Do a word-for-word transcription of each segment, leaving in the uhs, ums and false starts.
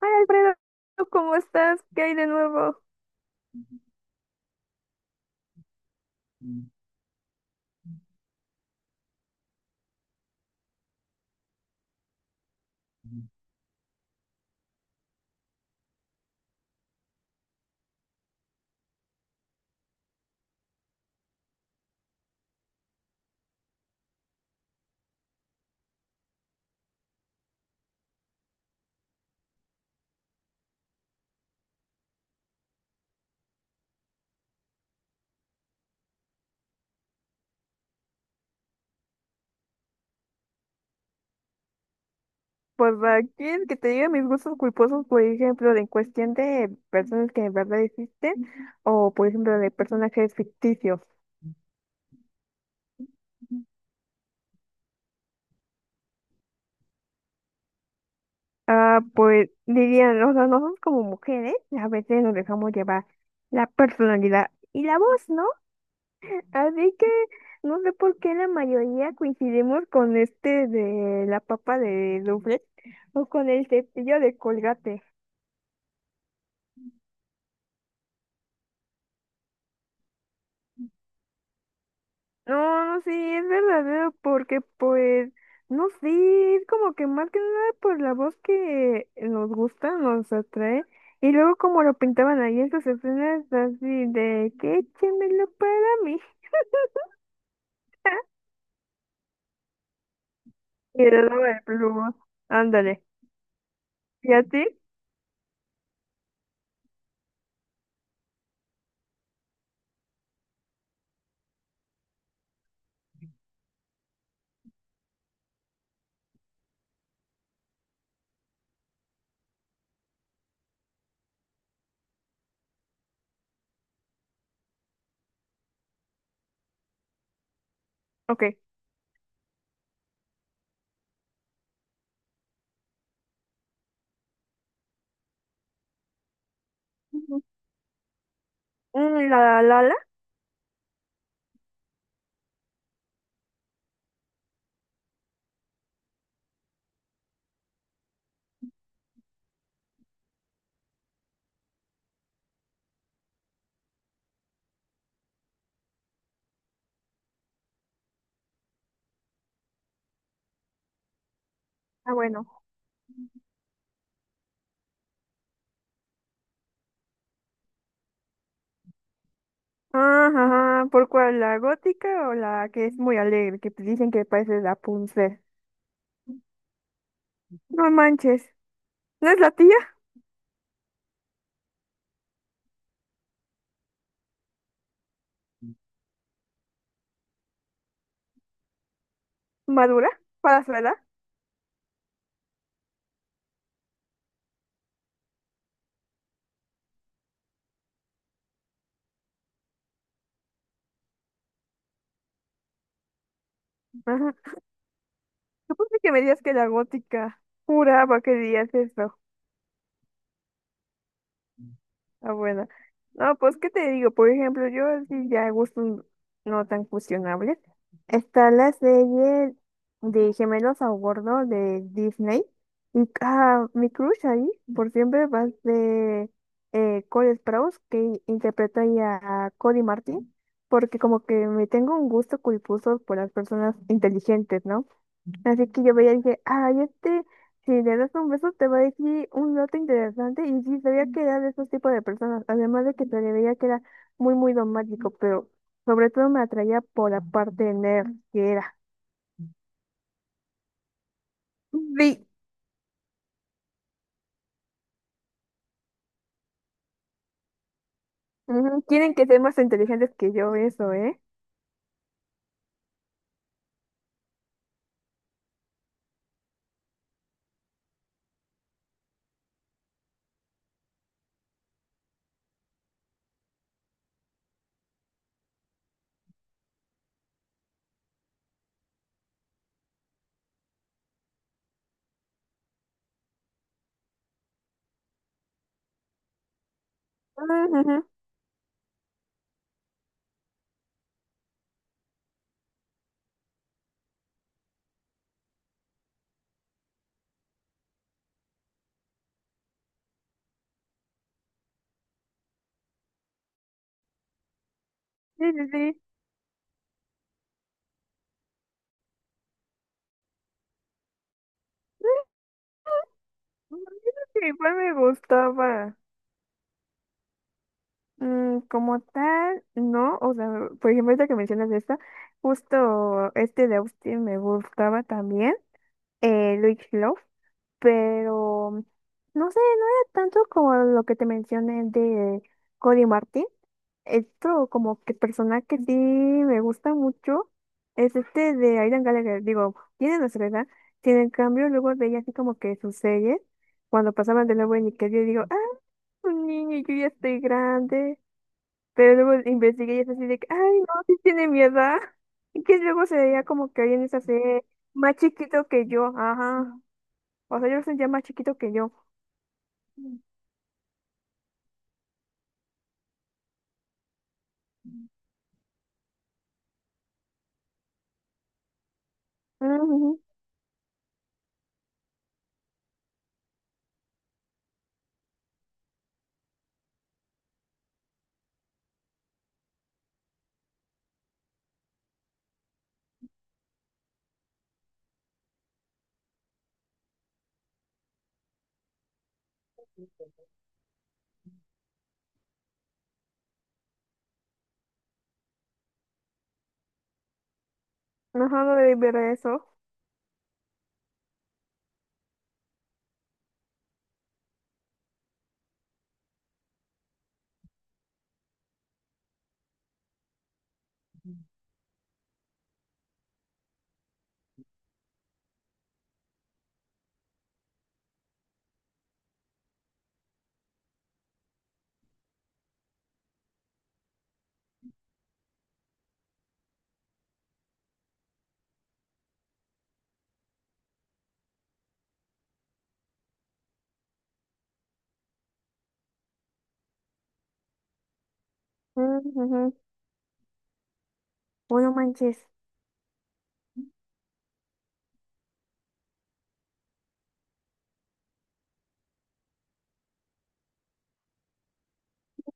Hola Alfredo, ¿cómo estás? ¿Qué hay de nuevo? Pues aquí el que te diga mis gustos culposos, por ejemplo, de en cuestión de personas que en verdad existen o por ejemplo de personajes ficticios. Ah, pues dirían, o sea, nosotros como mujeres a veces nos dejamos llevar la personalidad y la voz, ¿no? Así que no sé por qué la mayoría coincidimos con este de la papa de Duflet o con el cepillo de Colgate. No, sí, es verdadero, porque pues, no sé, es como que más que nada por la voz que nos gusta, nos atrae, y luego como lo pintaban ahí esas escenas así de que échemelo para mí, y le daba el pluma, ándale, ¿y a ti? Ok. Ujú. Mm, la la la, ah bueno, ajá, ajá, ¿por cuál? ¿La gótica o la que es muy alegre, que dicen que parece la Rapunzel? No manches, ¿no es la tía? ¿Madura? ¿Para su edad? Ajá. Yo pensé que me digas que la gótica. Juraba que dirías eso. Ah, bueno. No, pues, ¿qué te digo? Por ejemplo, yo así ya gustos no tan cuestionables. Está la serie de Gemelos a Bordo de Disney. Y ah, mi crush ahí, por siempre, va de eh, Cole Sprouse, que interpreta ahí a Cody Martin. Porque como que me tengo un gusto culposo por las personas inteligentes, ¿no? Así que yo veía y dije, ay, este, si le das un beso te va a decir un dato interesante. Y sí, sabía que era de esos tipos de personas. Además de que se le veía que era muy, muy dogmático, pero sobre todo me atraía por la parte nerd que era. Sí. Ujú, tienen que ser más inteligentes que yo, eso, ¿eh? Ujú. Sí, sí, sí. Mm, creo que igual me gustaba. Mm, como tal, no. O sea, por ejemplo, ahorita que mencionas esta, justo este de Austin me gustaba también. eh, Luis Love, pero no sé, no era tanto como lo que te mencioné de Cody Martin. Esto como que persona que sí me gusta mucho es este de Aidan Gallagher. Digo, tiene nuestra edad, sin en cambio luego veía así como que sus series, cuando pasaban de nuevo en Nickelodeon, digo, ah, un niño, yo ya estoy grande. Pero luego investigué y es así de que, ay, no, sí tiene mi edad. Y que luego se veía como que hoy en esa más chiquito que yo, ajá. O sea, ellos son ya más chiquito que yo. Ujú, ajá, no debí ver eso. Ujú, bueno, manches.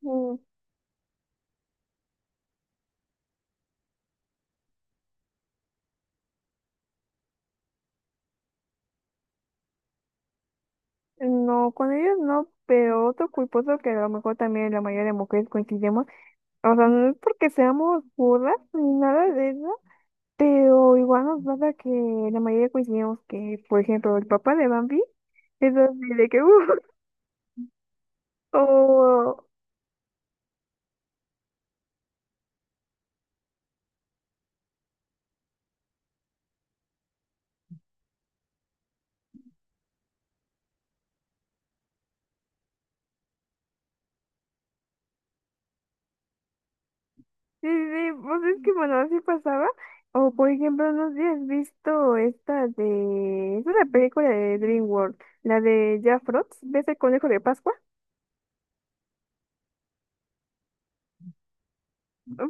Ujú. No, con ellos no, pero otro culposo que a lo mejor también la mayoría de mujeres coincidimos, o sea, no es porque seamos burras ni nada de eso, pero igual nos pasa que la mayoría coincidimos que, por ejemplo, el papá de Bambi es así de que, "Uh", o, sí, sí, sí, pues es que bueno, así pasaba. O por ejemplo, no sé si has visto esta de... Es una película de DreamWorld, la de Jack Frost, ¿ves el conejo de Pascua?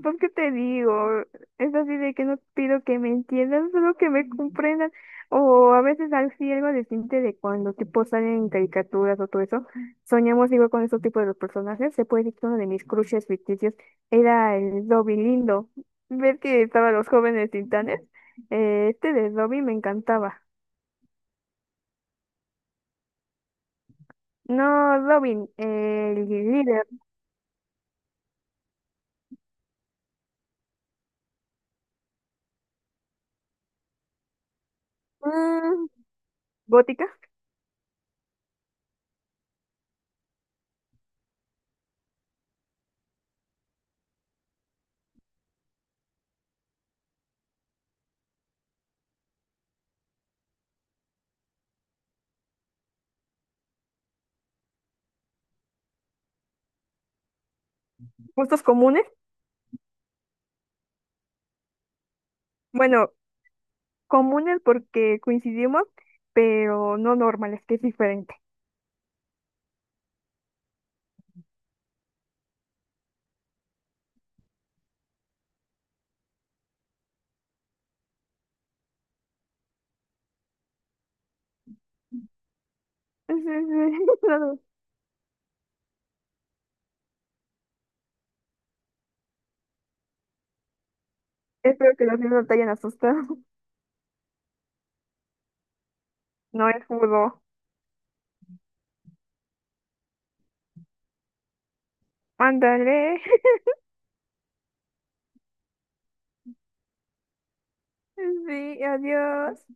Pues qué te digo, es así de que no pido que me entiendan, solo que me comprendan. O a veces así algo distinto de cuando tipo salen en caricaturas o todo eso. Soñamos igual con esos tipos de los personajes. Se puede decir que uno de mis crushes ficticios era el Dobby lindo. Ver que estaban los jóvenes titanes. Eh, este de Dobby me encantaba. No, Dobby el líder. Mm, gótica, gustos comunes. Bueno, comunes porque coincidimos, pero no normales, que es diferente. Sí, sí, no, espero que los niños no te hayan asustado. No es fútbol. Ándale. Sí, adiós.